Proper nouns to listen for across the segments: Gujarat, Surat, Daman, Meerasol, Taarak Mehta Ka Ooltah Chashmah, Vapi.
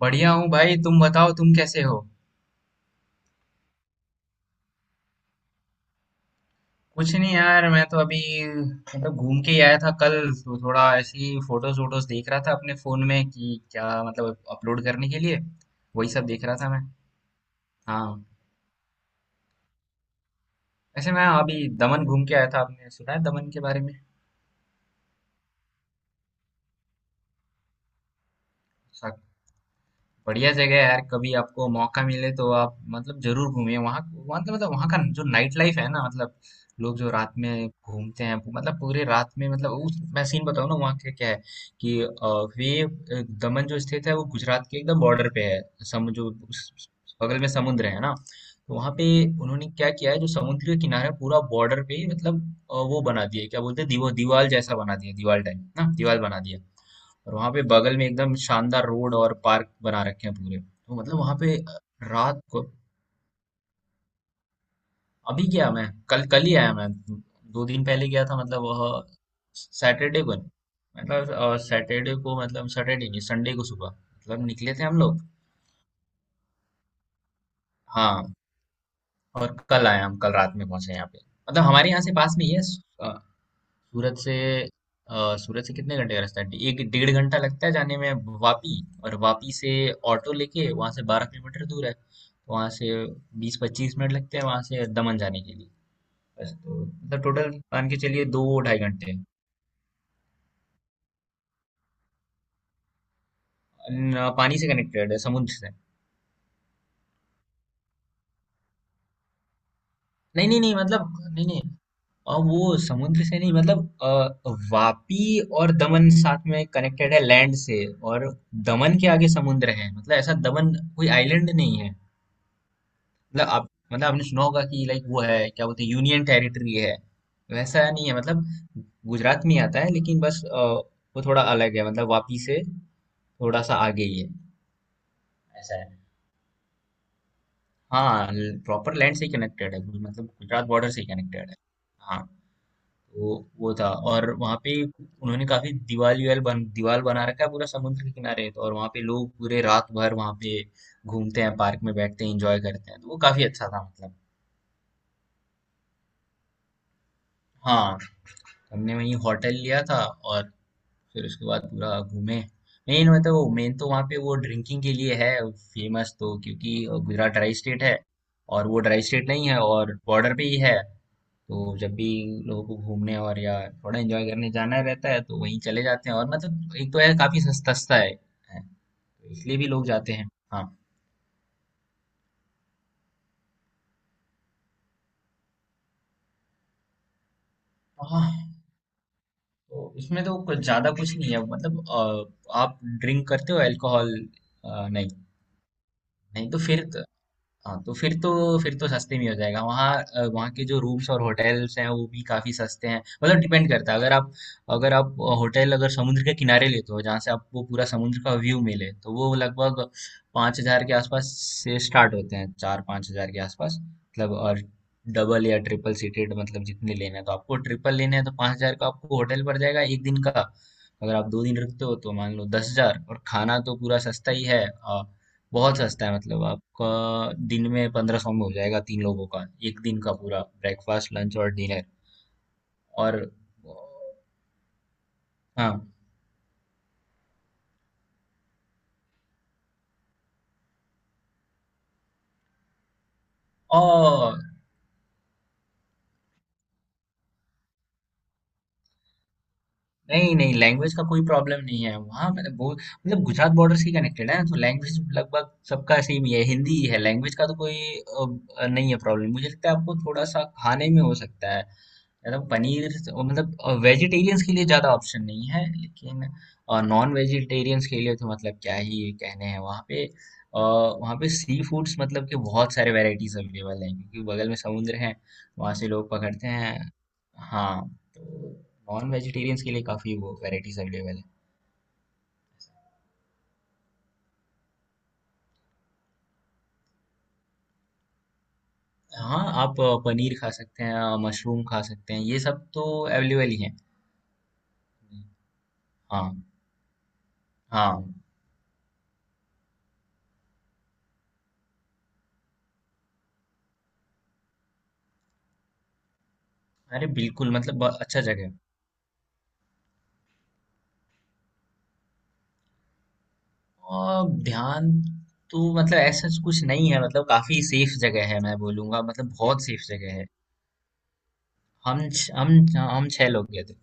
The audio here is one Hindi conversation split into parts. बढ़िया हूँ भाई। तुम बताओ, तुम कैसे हो? कुछ नहीं यार, मैं तो अभी मतलब घूम के ही आया था कल। तो थोड़ा ऐसे ही फोटोज वोटोज देख रहा था अपने फोन में कि क्या मतलब अपलोड करने के लिए। वही सब देख रहा था मैं। हाँ। वैसे मैं अभी दमन घूम के आया था। आपने सुना है दमन के बारे में? बढ़िया जगह है यार, कभी आपको मौका मिले तो आप मतलब जरूर घूमिए वहाँ। वहाँ तो मतलब वहाँ का जो नाइट लाइफ है ना मतलब लोग जो रात में घूमते हैं मतलब पूरे रात में मतलब उस मैं सीन बताऊँ ना वहाँ का क्या है कि वे दमन जो स्थित है वो गुजरात के एकदम बॉर्डर पे है। समुद्र जो बगल में समुद्र है ना। तो वहाँ पे उन्होंने क्या किया है जो समुद्र के किनारे पूरा बॉर्डर पे ही मतलब वो बना दिया है, क्या बोलते हैं दीवार जैसा बना दिया, दीवार टाइप ना, दीवार बना दिया। और वहां पे बगल में एकदम शानदार रोड और पार्क बना रखे हैं पूरे, तो मतलब वहां पे रात को। अभी गया मैं। कल कल ही आया मैं। दो दिन पहले गया था मतलब वह सैटरडे को मतलब सैटरडे को मतलब सैटरडे नहीं संडे को सुबह मतलब निकले थे हम लोग। हाँ, और कल आए, हम कल रात में पहुंचे यहाँ पे। मतलब हमारे यहाँ से पास में ही है सूरत से। सूरत से कितने घंटे का रास्ता है? एक डेढ़ घंटा लगता है जाने में वापी। और वापी से ऑटो लेके, वहां से 12 किलोमीटर दूर है। वहां से 20-25 मिनट लगते हैं वहां से दमन जाने के लिए। बस, तो मतलब टोटल मान के चलिए 2-2.5 घंटे। पानी से कनेक्टेड है समुद्र से। नहीं नहीं नहीं, मतलब नहीं नहीं। और वो समुद्र से नहीं मतलब वापी और दमन साथ में कनेक्टेड है लैंड से। और दमन के आगे समुद्र है, मतलब ऐसा दमन कोई आइलैंड नहीं है। मतलब आप मतलब आपने सुना होगा कि लाइक वो है क्या बोलते हैं यूनियन टेरिटरी है। वैसा नहीं है मतलब गुजरात में ही आता है, लेकिन बस वो थोड़ा अलग है मतलब वापी से थोड़ा सा आगे ही है। ऐसा है। हाँ, प्रॉपर लैंड से कनेक्टेड है मतलब गुजरात बॉर्डर से कनेक्टेड है। हाँ। वो वो था। और वहाँ पे उन्होंने काफी दीवाल वीवाल बन दीवाल बना रखा है पूरा समुद्र के किनारे तो। और वहाँ पे लोग पूरे रात भर वहाँ पे घूमते हैं, पार्क में बैठते हैं, एंजॉय करते हैं, तो वो काफी अच्छा था मतलब। हाँ। हमने वहीं होटल लिया था और फिर उसके बाद पूरा घूमे। मेन तो वहाँ पे वो ड्रिंकिंग के लिए है फेमस, तो क्योंकि गुजरात ड्राई स्टेट है और वो ड्राई स्टेट नहीं है और बॉर्डर पे ही है। तो जब भी लोगों को घूमने और या थोड़ा एंजॉय करने जाना रहता है तो वहीं चले जाते हैं और मतलब एक तो है काफी सस्ता सस्ता है, तो इसलिए भी लोग जाते हैं। हाँ। हाँ, तो इसमें तो कुछ ज्यादा कुछ नहीं है मतलब आप ड्रिंक करते हो अल्कोहल? नहीं। नहीं, तो फिर हाँ, तो फिर तो सस्ते में हो जाएगा वहाँ। वहाँ के जो रूम्स और होटल्स हैं वो भी काफी सस्ते हैं, मतलब डिपेंड करता है, अगर आप होटल अगर समुद्र के किनारे लेते हो जहाँ से आपको पूरा समुद्र का व्यू मिले तो वो लगभग 5 हजार के आसपास से स्टार्ट होते हैं, 4-5 हजार के आसपास मतलब। और डबल या ट्रिपल सीटेड मतलब जितने लेना है, तो आपको ट्रिपल लेना है तो पाँच हजार का आपको होटल पड़ जाएगा एक दिन का। अगर आप 2 दिन रुकते हो तो मान लो 10 हजार। और खाना तो पूरा सस्ता ही है। बहुत सस्ता है मतलब। आपका दिन में 1500 में हो जाएगा 3 लोगों का, एक दिन का, पूरा ब्रेकफास्ट, लंच और डिनर। और हाँ। और नहीं नहीं, लैंग्वेज का कोई प्रॉब्लम नहीं है वहाँ, मतलब बहुत। मतलब गुजरात बॉर्डर से कनेक्टेड है ना, तो लैंग्वेज लगभग सबका सेम ही है, हिंदी ही है, लैंग्वेज का तो कोई नहीं है प्रॉब्लम। मुझे लगता है आपको थोड़ा सा खाने में हो सकता है यार, और मतलब वेजिटेरियंस के लिए ज्यादा ऑप्शन नहीं है, लेकिन नॉन वेजिटेरियंस के लिए तो मतलब क्या ही कहने हैं वहाँ पे। अ, वहाँ पे सी फूड्स मतलब कि बहुत सारे वैरायटीज अवेलेबल हैं क्योंकि बगल में समुद्र है, वहाँ से लोग पकड़ते हैं। हाँ, तो नॉन वेजिटेरियंस के लिए काफी वो वैरायटीज अवेलेबल है। हाँ, आप पनीर खा सकते हैं, मशरूम खा सकते हैं, ये सब तो अवेलेबल ही है। हाँ। हाँ। अरे बिल्कुल, मतलब बहुत अच्छा जगह है। ध्यान तो मतलब ऐसा कुछ नहीं है, मतलब काफी सेफ जगह है मैं बोलूंगा, मतलब बहुत सेफ जगह है। हम छ- हम हम 6 लोग गए थे।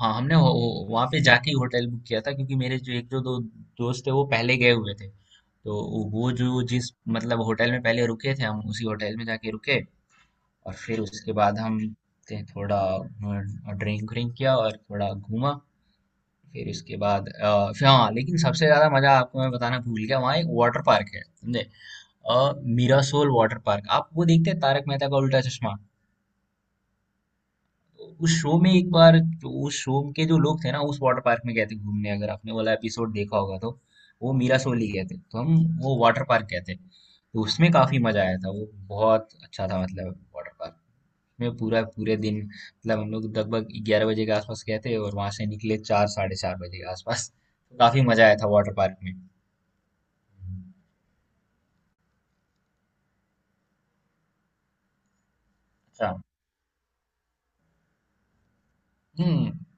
हाँ, हमने वहां पे जाके ही होटल बुक किया था क्योंकि मेरे जो एक जो 2 दोस्त थे वो पहले गए हुए थे, तो वो जो जिस मतलब होटल में पहले रुके थे, हम उसी होटल में जाके रुके और फिर उसके बाद हम थे थोड़ा ड्रिंक व्रिंक किया और थोड़ा घूमा। फिर उसके बाद फिर हाँ, लेकिन सबसे ज्यादा मजा, आपको मैं बताना भूल गया, वहाँ एक वाटर पार्क है, समझे? Mirasol water park. आप वो देखते हैं तारक मेहता का उल्टा चश्मा? तो उस शो में एक बार उस शो के जो लोग थे ना, उस वाटर पार्क में गए थे घूमने, अगर आपने वाला एपिसोड देखा होगा तो वो मीरासोल ही गए थे, तो हम वो वाटर पार्क गए थे तो उसमें काफी मजा आया था। वो बहुत अच्छा था मतलब। वाटर पार्क में पूरा पूरे दिन, मतलब हम लोग लगभग 11 बजे के आसपास गए थे और वहां से निकले चार, साढ़े 4 बजे के आसपास। तो काफी मजा आया था वाटर पार्क में। अच्छा। हम्म।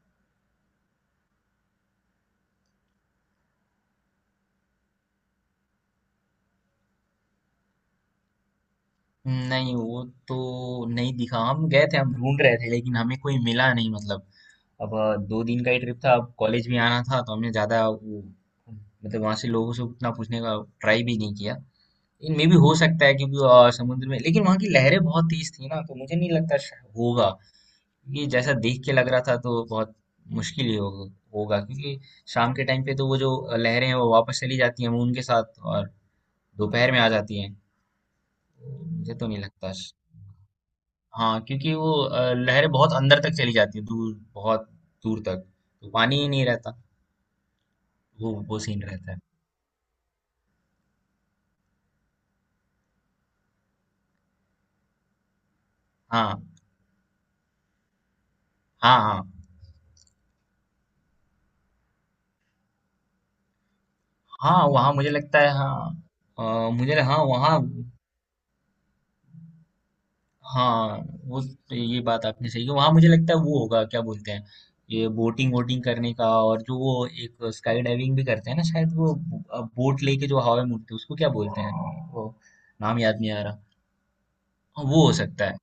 नहीं, वो तो नहीं दिखा, हम गए थे, हम ढूंढ रहे थे लेकिन हमें कोई मिला नहीं, मतलब अब 2 दिन का ही ट्रिप था, अब कॉलेज भी आना था तो हमने ज्यादा वो मतलब वहां से लोगों से उतना पूछने का ट्राई भी नहीं किया। लेकिन मे भी हो सकता है क्योंकि समुद्र में, लेकिन वहां की लहरें बहुत तेज थी ना, तो मुझे नहीं लगता होगा। ये जैसा देख के लग रहा था तो बहुत मुश्किल ही होगा होगा क्योंकि शाम के टाइम पे तो वो जो लहरें हैं वो वापस चली जाती हैं उनके साथ और दोपहर में आ जाती हैं। तो मुझे तो नहीं लगता। हाँ, क्योंकि वो लहरें बहुत अंदर तक चली जाती है, दूर, बहुत दूर तक, तो पानी ही नहीं रहता, वो सीन रहता है। हाँ। हाँ। हाँ। हाँ वहाँ मुझे लगता है, हाँ मुझे हाँ वहाँ हाँ। वो, ये बात आपने सही की, वहाँ मुझे लगता है वो होगा, क्या बोलते हैं ये बोटिंग वोटिंग करने का, और जो वो एक स्काई डाइविंग भी करते हैं ना शायद, वो बोट लेके जो हवा में उड़ते हैं उसको क्या बोलते हैं वो, नाम याद नहीं आ रहा। हाँ, वो हो सकता है।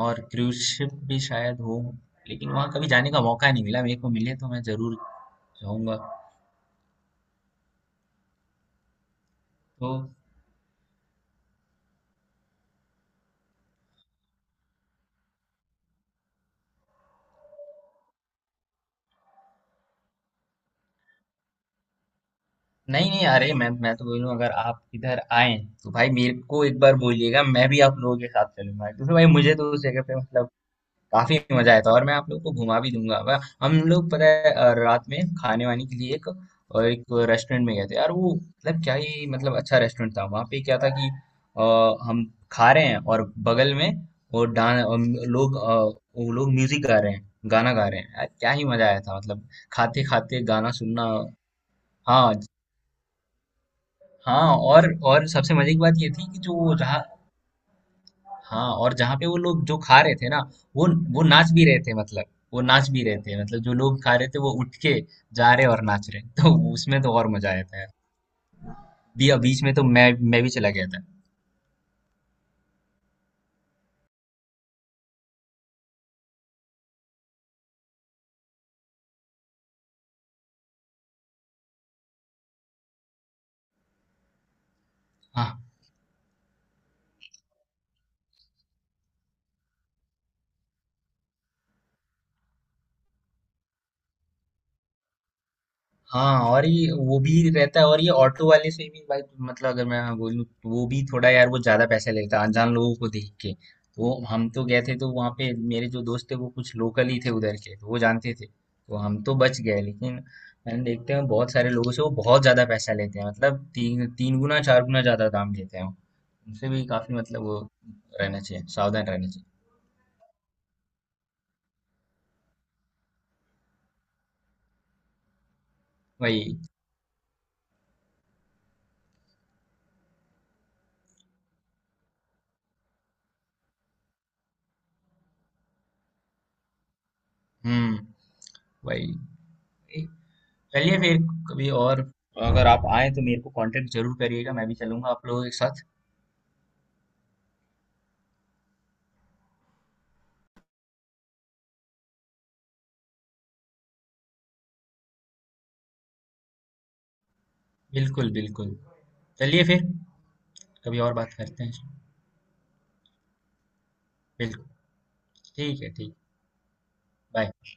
और क्रूज शिप भी शायद हो। लेकिन वहाँ कभी जाने का मौका नहीं मिला मेरे को, मिले तो मैं जरूर जाऊंगा। तो नहीं नहीं, अरे मैं तो बोलूँ अगर आप इधर आए तो भाई मेरे को एक बार बोलिएगा, मैं भी आप लोगों के साथ चलूंगा क्योंकि भाई मुझे तो उस जगह पे मतलब काफी मजा आया था। और मैं आप लोग को घुमा भी दूंगा। हम लोग, पता है, रात में खाने वाने के लिए एक और एक रेस्टोरेंट में गए थे यार, वो मतलब क्या ही मतलब, अच्छा रेस्टोरेंट था वहां पे, क्या था कि अ, हम खा रहे हैं और बगल में वो डांस लोग वो लोग म्यूजिक गा रहे हैं, गाना गा रहे हैं यार, क्या ही मजा आया था मतलब खाते खाते गाना सुनना। हाँ ज- हाँ, और सबसे मजे की बात ये थी कि जो जहाँ हाँ और जहाँ पे वो लोग जो खा रहे थे ना वो वो नाच भी रहे थे मतलब वो नाच भी रहे थे, मतलब जो लोग खा रहे थे वो उठ के जा रहे और नाच रहे, तो उसमें तो और मजा आया था यार। बीच में तो मैं भी चला गया था। हाँ। हाँ, और ये वो भी रहता है और ये ऑटो वाले से भी भाई, मतलब अगर मैं बोलूँ तो वो भी थोड़ा यार, वो ज्यादा पैसे लेता है अनजान लोगों को देख के। तो हम तो गए थे, तो वहाँ पे मेरे जो दोस्त थे वो कुछ लोकल ही थे उधर के, तो वो जानते थे, तो हम तो बच गए, लेकिन मैंने देखते हैं बहुत सारे लोगों से वो बहुत ज्यादा पैसा लेते हैं, मतलब तीन तीन गुना, चार गुना ज्यादा दाम लेते हैं वो। उनसे भी काफी मतलब वो रहना चाहिए, सावधान रहना चाहिए। वही। हम्म। वही। चलिए फिर, कभी और अगर आप आए तो मेरे को कांटेक्ट जरूर करिएगा, मैं भी चलूंगा आप लोगों के साथ। बिल्कुल बिल्कुल। चलिए फिर। कभी और बात करते हैं। बिल्कुल। ठीक है, ठीक। बाय।